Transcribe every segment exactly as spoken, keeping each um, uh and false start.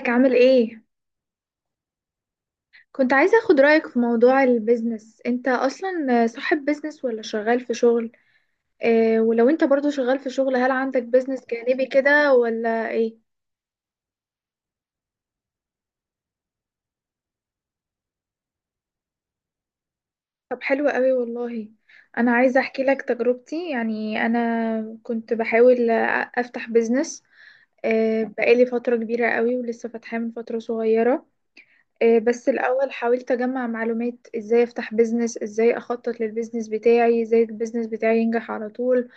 ازيك عامل ايه؟ كنت عايزة اخد رأيك في موضوع البيزنس. انت اصلا صاحب بيزنس ولا شغال في شغل؟ اه، ولو انت برضو شغال في شغل، هل عندك بيزنس جانبي كده ولا ايه؟ طب حلو قوي والله. انا عايزة احكي لك تجربتي، يعني انا كنت بحاول افتح بيزنس. اه، بقالي فترة كبيرة قوي، ولسه فاتحاه من فترة صغيرة. اه، بس الاول حاولت اجمع معلومات ازاي افتح بيزنس، ازاي اخطط للبيزنس بتاعي، ازاي البيزنس بتاعي ينجح على طول.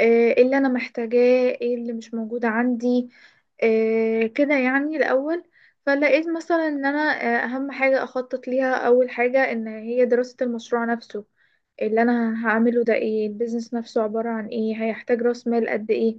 آه، ايه اللي انا محتاجاه، ايه اللي مش موجود عندي. آه، كده يعني الاول. فلقيت مثلا ان انا آه، اهم حاجة اخطط ليها اول حاجة ان هي دراسة المشروع نفسه، اللي انا هعمله ده ايه، البيزنس نفسه عبارة عن ايه، هيحتاج راس مال قد ايه.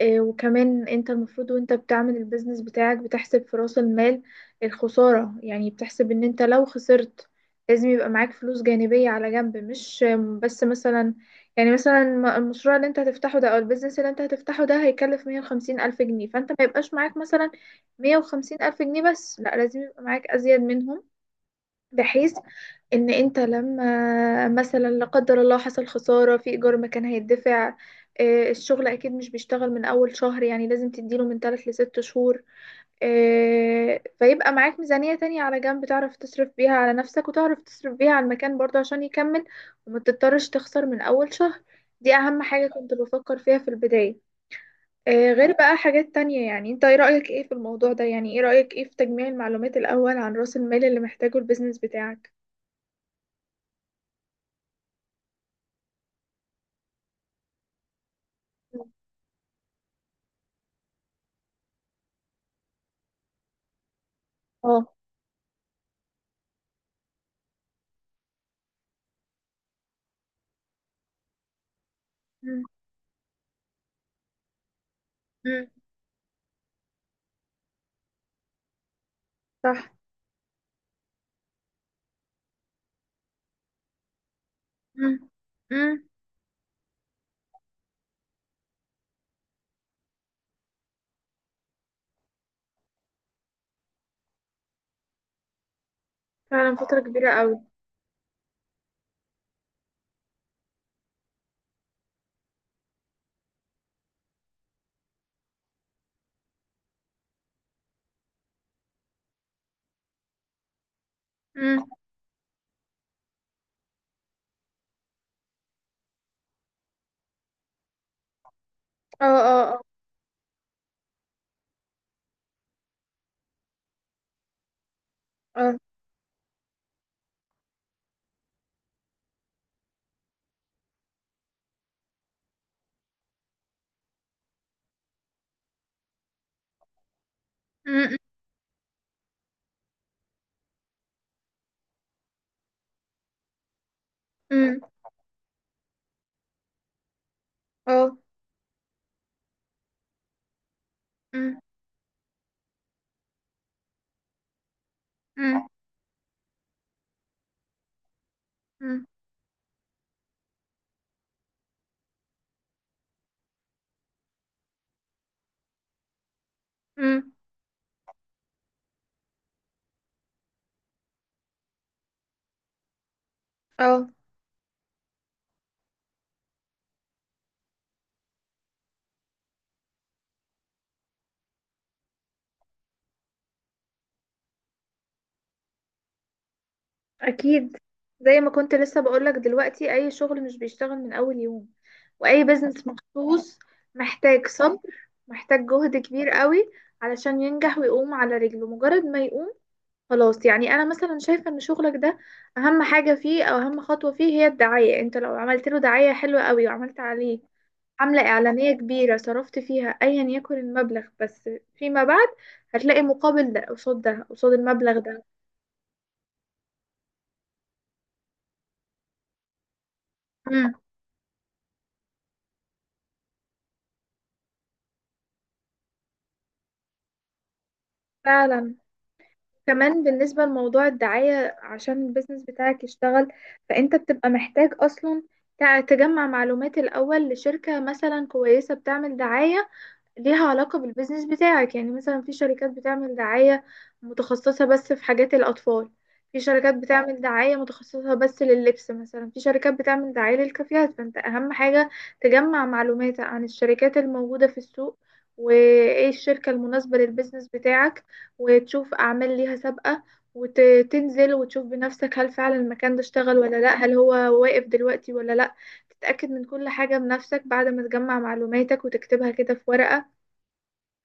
آه، وكمان انت المفروض وانت بتعمل البيزنس بتاعك بتحسب في رأس المال الخسارة، يعني بتحسب ان انت لو خسرت لازم يبقى معاك فلوس جانبية على جنب، مش آم، بس مثلا. يعني مثلا الم- المشروع اللي انت هتفتحه ده او البيزنس اللي انت هتفتحه ده هيكلف مية وخمسين ألف جنيه، فانت ما يبقاش معاك مثلا مية وخمسين ألف جنيه بس، لا لازم يبقى معاك أزيد منهم، بحيث ان انت لما مثلا لا قدر الله حصل خسارة في ايجار ما كان هيدفع. آه، الشغل اكيد مش بيشتغل من اول شهر، يعني لازم تديله من ثلاثة لست شهور. آه، فيبقى معاك ميزانية تانية على جنب، تعرف تصرف بيها على نفسك وتعرف تصرف بيها على المكان برضه عشان يكمل، وما تضطرش تخسر من اول شهر. دي اهم حاجة كنت بفكر فيها في البداية. آه، غير بقى حاجات تانية. يعني انت ايه رأيك ايه في الموضوع ده، يعني ايه رأيك ايه في تجميع المعلومات الاول عن رأس المال اللي محتاجه البيزنس بتاعك؟ اه. مم. مم. صح. مم. مم. فعلا، فترة كبيرة قوي. مم. اه، اه، اه. اه. مم. مم. اه. مم. مم. مم. مم. اه. اكيد. زي ما كنت لسه بقولك دلوقتي، اي شغل مش بيشتغل من اول يوم، واي بزنس مخصوص محتاج صبر، محتاج جهد كبير قوي علشان ينجح ويقوم على رجله. مجرد ما يقوم خلاص، يعني انا مثلا شايفه ان شغلك ده اهم حاجه فيه او اهم خطوه فيه هي الدعايه. انت لو عملت له دعايه حلوه قوي، وعملت عليه حمله اعلانيه كبيره صرفت فيها ايا يكن المبلغ، بس فيما بعد هتلاقي مقابل ده، قصاد ده، قصاد المبلغ ده. مم. فعلا. كمان بالنسبه لموضوع الدعايه، عشان البيزنس بتاعك يشتغل فانت بتبقى محتاج اصلا تع- تجمع معلومات الاول لشركه مثلا كويسه بتعمل دعايه ليها علاقة بالبيزنس بتاعك. يعني مثلا في شركات بتعمل دعاية متخصصة بس في حاجات الأطفال، في شركات بتعمل دعاية متخصصة بس لللبس مثلا، في شركات بتعمل دعاية للكافيهات. فأنت أهم حاجة تجمع معلومات عن الشركات الموجودة في السوق، وإيه الشركة المناسبة للبيزنس بتاعك، وتشوف أعمال ليها سابقة، وتنزل وتشوف بنفسك هل فعلا المكان ده اشتغل ولا لأ، هل هو واقف دلوقتي ولا لأ. تتأكد من كل حاجة بنفسك بعد ما تجمع معلوماتك وتكتبها كده في ورقة،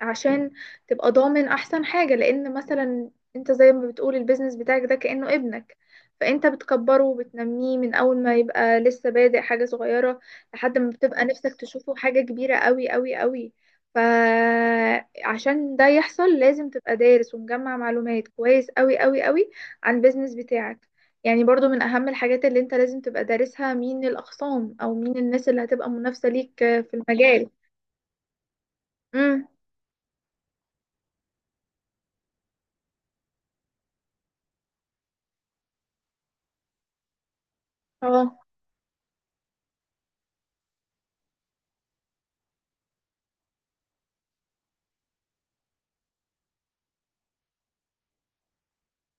عشان تبقى ضامن احسن حاجة. لان مثلا انت زي ما بتقول البيزنس بتاعك ده كأنه ابنك، فانت بتكبره وبتنميه من اول ما يبقى لسه بادئ حاجة صغيرة لحد ما بتبقى نفسك تشوفه حاجة كبيرة قوي قوي قوي. فعشان ده يحصل لازم تبقى دارس ومجمع معلومات كويس قوي قوي قوي عن البيزنس بتاعك. يعني برضو من اهم الحاجات اللي انت لازم تبقى دارسها مين الاخصام او مين الناس اللي هتبقى منافسة ليك في المجال. امم. اه.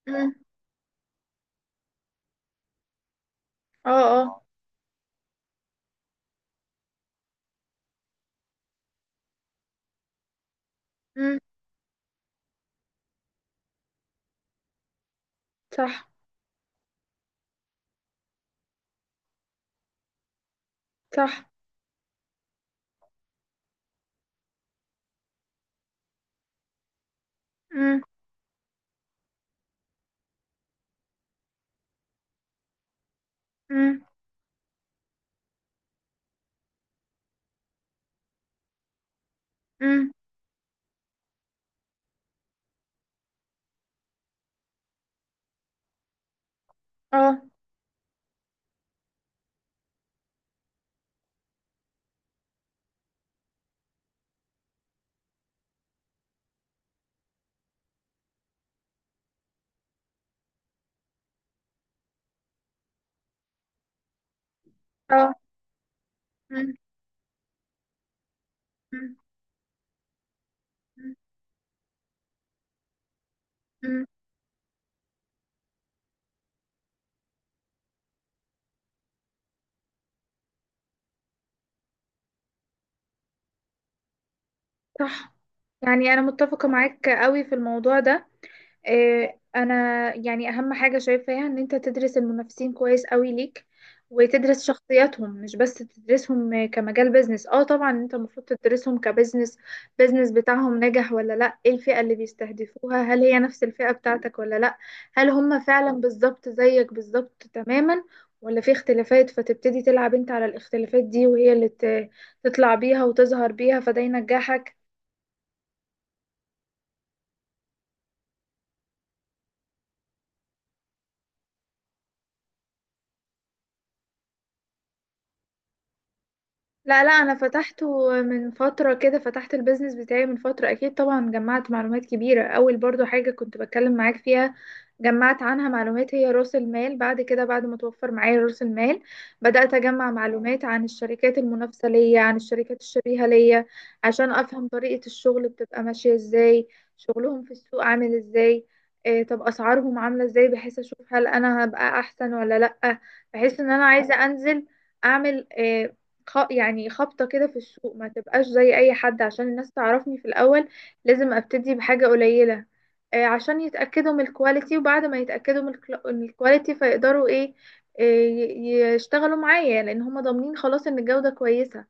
مم. اه، اه. امم. صح. صح. امم. امم. امم. اه. اه. امم. امم. امم. صح. يعني انا متفقة معاك قوي في الموضوع ده. آه، انا يعني اهم حاجه شايفاها ان انت تدرس المنافسين كويس قوي ليك، وتدرس شخصياتهم. مش بس تدرسهم كمجال بيزنس، اه طبعا انت المفروض تدرسهم كبزنس. بيزنس بتاعهم نجح ولا لا، ايه الفئه اللي بيستهدفوها، هل هي نفس الفئه بتاعتك ولا لا، هل هم فعلا بالظبط زيك بالظبط تماما ولا في اختلافات، فتبتدي تلعب انت على الاختلافات دي وهي اللي ت- تطلع بيها وتظهر بيها فده ينجحك. لا لا، انا فتحته من فتره كده. فتحت البيزنس بتاعي من فتره، اكيد طبعا جمعت معلومات كبيره. اول برضو حاجه كنت بتكلم معاك فيها جمعت عنها معلومات هي راس المال. بعد كده، بعد ما توفر معايا راس المال، بدات اجمع معلومات عن الشركات المنافسه ليا، عن الشركات الشبيهه ليا، عشان افهم طريقه الشغل بتبقى ماشيه ازاي، شغلهم في السوق عامل ازاي، إيه طب اسعارهم عامله ازاي، بحيث اشوف هل انا هبقى احسن ولا لا. بحيث ان انا عايزه انزل اعمل آه، خ... يعني خبطة كده في السوق، ما تبقاش زي أي حد. عشان الناس تعرفني في الأول لازم أبتدي بحاجة قليلة، آه، عشان يتأكدوا من الكواليتي. وبعد ما يتأكدوا من الكلا- من الكواليتي فيقدروا إيه، آه، ي- يشتغلوا معايا، لأن هم ضامنين خلاص إن الجودة كويسة.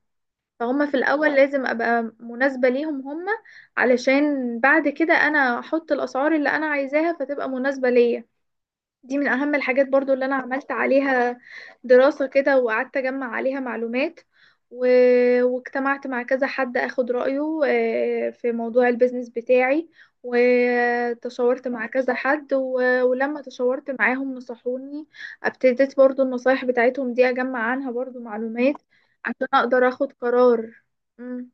فهم في الأول لازم أبقى مناسبة ليهم هم، علشان بعد كده أنا أحط الأسعار اللي أنا عايزاها فتبقى مناسبة ليا. دي من أهم الحاجات برضو اللي أنا عملت عليها دراسة كده، وقعدت أجمع عليها معلومات. و... واجتمعت مع كذا حد أخد رأيه آه، في موضوع البيزنس بتاعي، وتشاورت مع كذا حد. و... ولما تشاورت معاهم نصحوني، ابتديت برضو النصايح بتاعتهم دي أجمع عنها برضو معلومات عشان أقدر أخد قرار. مم.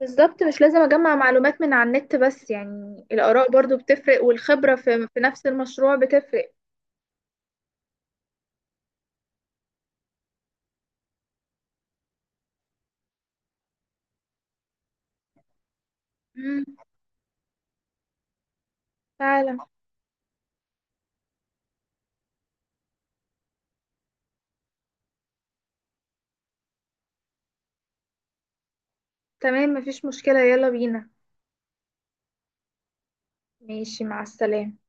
بالظبط، مش لازم أجمع معلومات من على النت بس. يعني الآراء برضو بتفرق، والخبرة في, في نفس المشروع بتفرق. فعلا. تمام مفيش مشكلة، يلا بينا. ماشي، مع السلامة.